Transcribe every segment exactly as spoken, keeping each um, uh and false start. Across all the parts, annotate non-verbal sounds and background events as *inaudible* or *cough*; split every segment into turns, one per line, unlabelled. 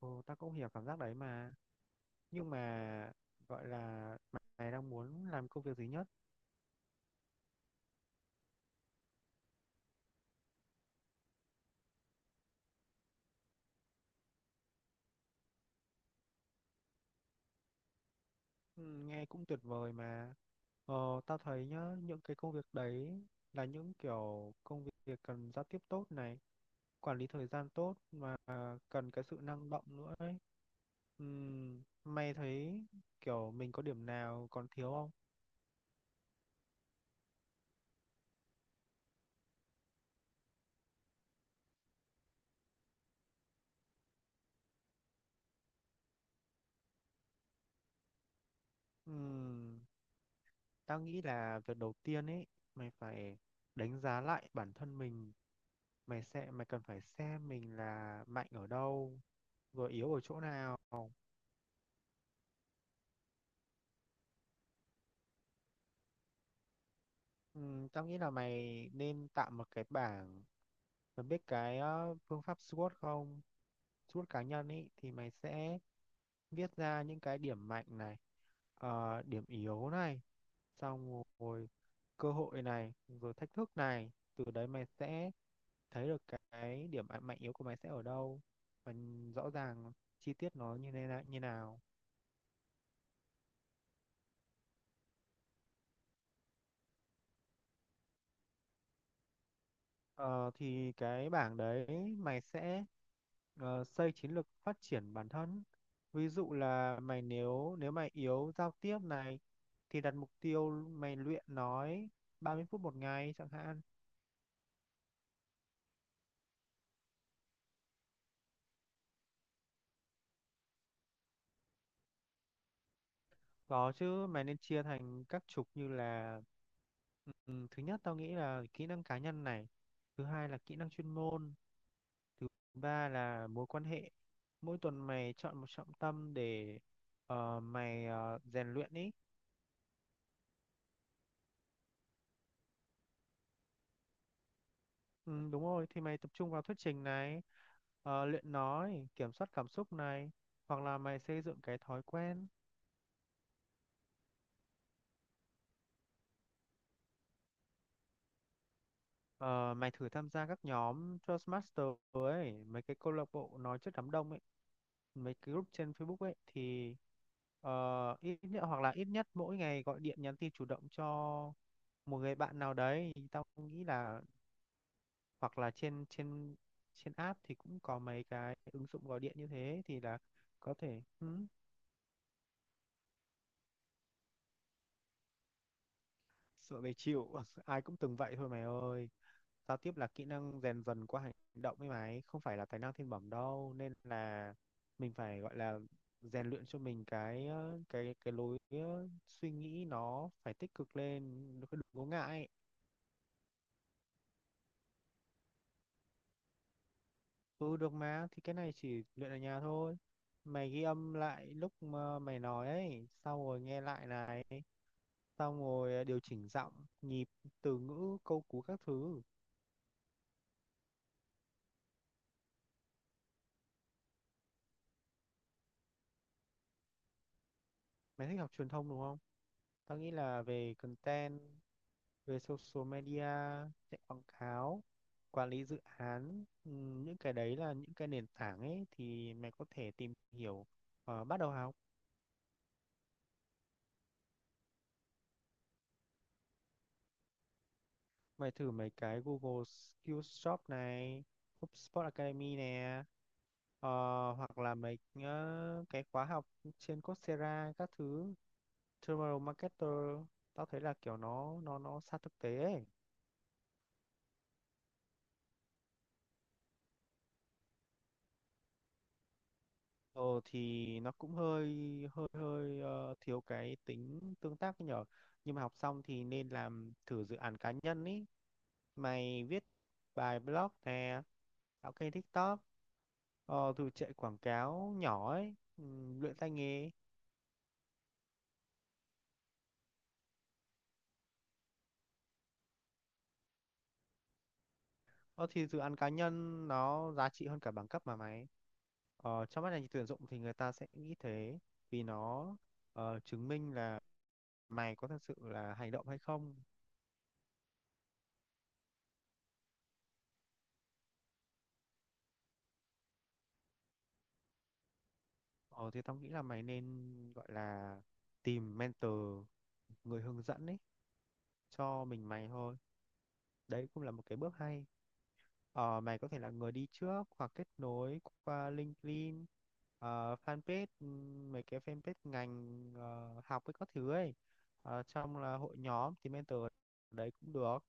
Ồ, tao cũng hiểu cảm giác đấy mà. Nhưng mà gọi là mày đang muốn làm công việc gì nhất? Ừ, Nghe cũng tuyệt vời mà. Ờ, tao thấy nhá, những cái công việc đấy là những kiểu công việc cần giao tiếp tốt này, quản lý thời gian tốt và cần cái sự năng động nữa ấy. Ừm, mày thấy kiểu mình có điểm nào còn thiếu không? Ừm, tao nghĩ là việc đầu tiên ấy, mày phải đánh giá lại bản thân mình. Mày sẽ mày cần phải xem mình là mạnh ở đâu rồi yếu ở chỗ nào. Ừm, tao nghĩ là mày nên tạo một cái bảng. Mày biết cái ờ, phương pháp sờ vót không? sờ vót cá nhân ý, thì mày sẽ viết ra những cái điểm mạnh này, ờ, điểm yếu này, xong rồi cơ hội này, rồi thách thức này. Từ đấy mày sẽ thấy được cái điểm mạnh mạnh yếu của mày sẽ ở đâu và rõ ràng, chi tiết nó như thế nào như nào. Ờ, thì cái bảng đấy mày sẽ ờ, xây chiến lược phát triển bản thân. Ví dụ là mày, nếu nếu mày yếu giao tiếp này thì đặt mục tiêu mày luyện nói ba mươi phút một ngày chẳng hạn. Có chứ, mày nên chia thành các trục như là ừ, thứ nhất tao nghĩ là kỹ năng cá nhân này, thứ hai là kỹ năng chuyên môn, thứ ba là mối quan hệ. Mỗi tuần mày chọn một trọng tâm để ờ, mày ờ, rèn luyện ý. Ừ, đúng rồi, thì mày tập trung vào thuyết trình này, ờ, luyện nói, kiểm soát cảm xúc này, hoặc là mày xây dựng cái thói quen. Ờ, Mày thử tham gia các nhóm Toastmaster ấy, mấy cái câu lạc bộ nói trước đám đông ấy, mấy cái group trên Facebook ấy, thì ờ, ít nhất, hoặc là ít nhất mỗi ngày gọi điện nhắn tin chủ động cho một người bạn nào đấy. Tao nghĩ là hoặc là trên trên trên app thì cũng có mấy cái ứng dụng gọi điện như thế, thì là có thể. Ừ. Sợ về chịu *laughs* ai cũng từng vậy thôi mày ơi. Giao tiếp là kỹ năng rèn dần qua hành động ấy mày, không phải là tài năng thiên bẩm đâu, nên là mình phải gọi là rèn luyện cho mình cái ờ, cái cái lối ờ, suy nghĩ nó phải tích cực lên, nó phải đừng có ngại. Ừ, được mà, thì cái này chỉ luyện ở nhà thôi. Mày ghi âm lại lúc mà mày nói ấy, xong rồi nghe lại này, xong rồi điều chỉnh giọng, nhịp, từ ngữ, câu cú các thứ. Mày thích học truyền thông đúng không? Tao nghĩ là về content, về social media, chạy quảng cáo, quản lý dự án, ừm, những cái đấy là những cái nền tảng ấy, thì mày có thể tìm hiểu và bắt đầu học. Mày thử mấy cái Google Skills Shop này, HubSpot Academy nè, ờ, hoặc là mấy ờ, cái khóa học trên Coursera các thứ, Tomorrow Marketer, tao thấy là kiểu nó nó nó sát thực tế ấy. Ờ thì nó cũng hơi hơi hơi ờ, thiếu cái tính tương tác ấy nhở. Nhưng mà học xong thì nên làm thử dự án cá nhân ý. Mày viết bài blog nè, tạo kênh TikTok, ờ, thử chạy quảng cáo nhỏ ấy, ừ, luyện tay nghề. Ờ thì dự án cá nhân nó giá trị hơn cả bằng cấp mà mày. Ờ, trong mắt ngành tuyển dụng thì người ta sẽ nghĩ thế, vì nó ờ, chứng minh là mày có thật sự là hành động hay không. Ờ thì tao nghĩ là mày nên gọi là tìm mentor, người hướng dẫn ấy cho mình mày thôi. Đấy cũng là một cái bước hay. Ờ, mày có thể là người đi trước hoặc kết nối qua LinkedIn, ờ, fanpage, ừm, mấy cái fanpage ngành ờ, học với các thứ ấy. Ờ, trong là hội nhóm thì mentor đấy cũng được.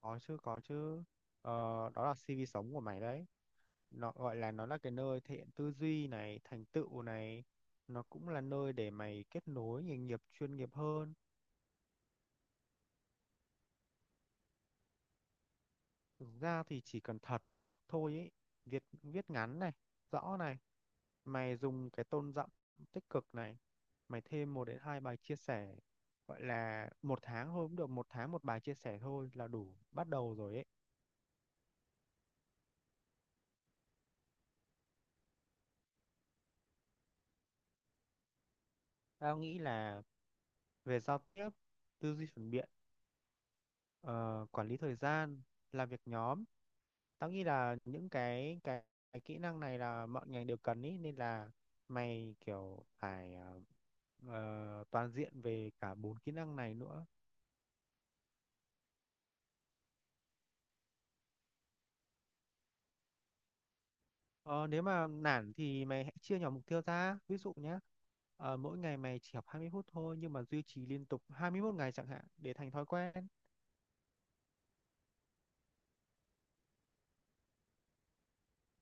Có chứ, có chứ. Ờ, đó là xê vê sống của mày đấy. Nó gọi là, nó là cái nơi thể hiện tư duy này, thành tựu này, nó cũng là nơi để mày kết nối nghề nghiệp chuyên nghiệp hơn. Thực ra thì chỉ cần thật thôi ấy, viết viết ngắn này, rõ này, mày dùng cái tone giọng tích cực này, mày thêm một đến hai bài chia sẻ, gọi là một tháng thôi cũng được, một tháng một bài chia sẻ thôi là đủ bắt đầu rồi ấy. Tao nghĩ là về giao tiếp, tư duy phản biện, ờ, quản lý thời gian, làm việc nhóm. Tao nghĩ là những cái cái, cái kỹ năng này là mọi ngành đều cần ý, nên là mày kiểu phải ờ, ờ, toàn diện về cả bốn kỹ năng này nữa. Ờ, nếu mà nản thì mày hãy chia nhỏ mục tiêu ra. Ví dụ nhé, ờ, mỗi ngày mày chỉ học hai mươi phút thôi nhưng mà duy trì liên tục hai mươi mốt ngày chẳng hạn để thành thói quen.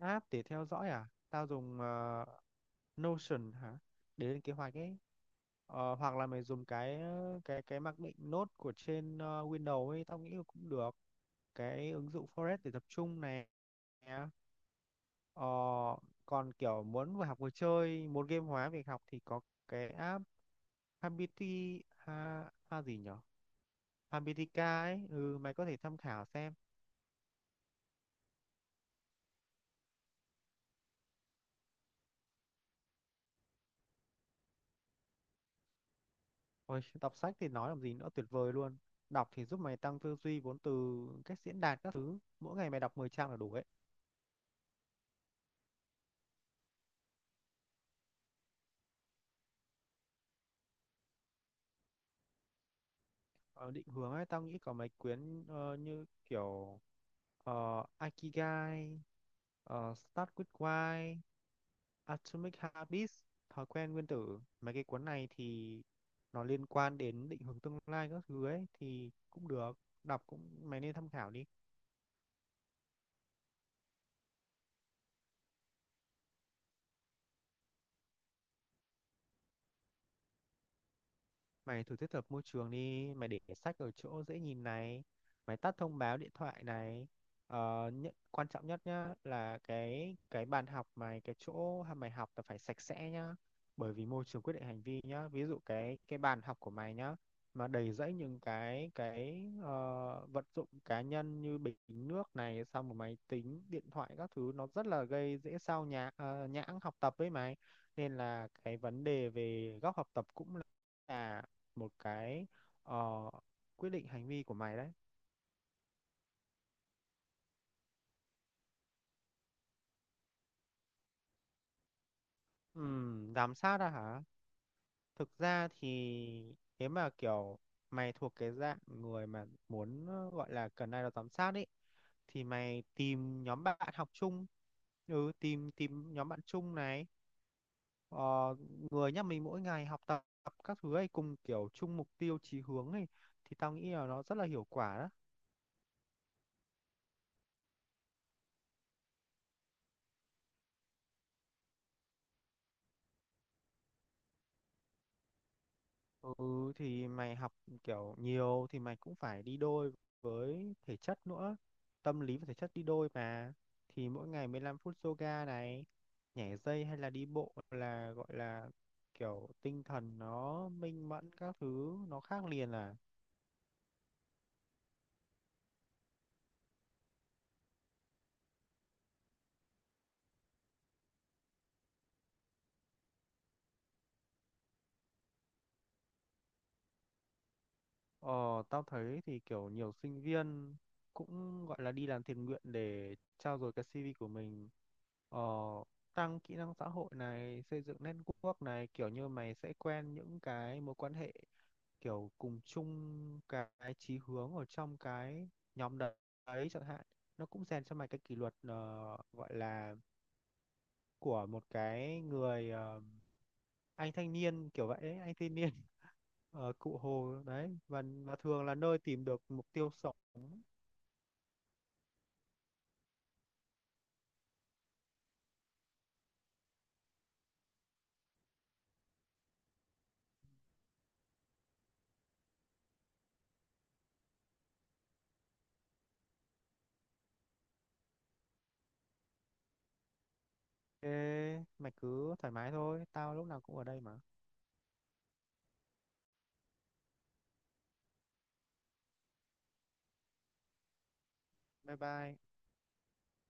App để theo dõi à? Tao dùng ờ, Notion hả? Để lên kế hoạch ấy. Ờ, hoặc là mày dùng cái cái cái mặc định nốt của trên ờ, Windows ấy, tao nghĩ là cũng được. Cái ứng dụng Forest để tập trung này. Ờ, còn kiểu muốn vừa học vừa chơi, muốn game hóa việc học thì có cái app Habiti ha, ha gì nhở? Habitica ấy, ừ, mày có thể tham khảo xem. Ôi, đọc sách thì nói làm gì nữa, tuyệt vời luôn. Đọc thì giúp mày tăng tư duy, vốn từ, cách diễn đạt các thứ. Mỗi ngày mày đọc mười trang là đủ ấy. Ờ, định hướng ấy, tao nghĩ có mấy quyển ờ, như kiểu ờ, Ikigai, ờ, Start with Why, Atomic Habits, Thói quen nguyên tử. Mấy cái cuốn này thì nó liên quan đến định hướng tương lai các thứ ấy, thì cũng được. Đọc cũng, mày nên tham khảo đi. Mày thử thiết lập môi trường đi, mày để sách ở chỗ dễ nhìn này, mày tắt thông báo điện thoại này. Ờ, nhất, quan trọng nhất nhá là cái cái bàn học mày, cái chỗ ha- mày học là phải sạch sẽ nhá. Bởi vì môi trường quyết định hành vi nhá. Ví dụ cái cái bàn học của mày nhá mà đầy rẫy những cái cái ờ, vật dụng cá nhân như bình nước này, xong một máy tính, điện thoại các thứ, nó rất là gây dễ sao nhãng ờ, nhãng học tập với mày. Nên là cái vấn đề về góc học tập cũng là một cái ờ, quyết định hành vi của mày đấy. Ừm, giám sát à hả? Thực ra thì nếu mà kiểu mày thuộc cái dạng người mà muốn ờ, gọi là cần ai đó giám sát ấy, thì mày tìm nhóm bạn học chung, ừ, tìm tìm nhóm bạn chung này, ờ, người nhà mình mỗi ngày học tập các thứ ấy, cùng kiểu chung mục tiêu chí hướng ấy, thì tao nghĩ là nó rất là hiệu quả đó. Ừ, thì mày học kiểu nhiều thì mày cũng phải đi đôi với thể chất nữa. Tâm lý và thể chất đi đôi mà. Thì mỗi ngày mười lăm phút yoga này, nhảy dây hay là đi bộ, là gọi là kiểu tinh thần nó minh mẫn các thứ, nó khác liền à. Ờ, tao thấy thì kiểu nhiều sinh viên cũng gọi là đi làm thiện nguyện để trau dồi cái xê vê của mình. Ờ, tăng kỹ năng xã hội này, xây dựng network này, kiểu như mày sẽ quen những cái mối quan hệ kiểu cùng chung cái chí hướng ở trong cái nhóm đấy chẳng hạn. Nó cũng rèn cho mày cái kỷ luật, ờ, gọi là của một cái người, ờ, anh thanh niên kiểu vậy ấy, anh thanh niên *laughs* ở Cụ Hồ đấy, và và thường là nơi tìm được mục tiêu sống. Thế mày cứ thoải mái thôi, tao lúc nào cũng ở đây mà. Bye bye.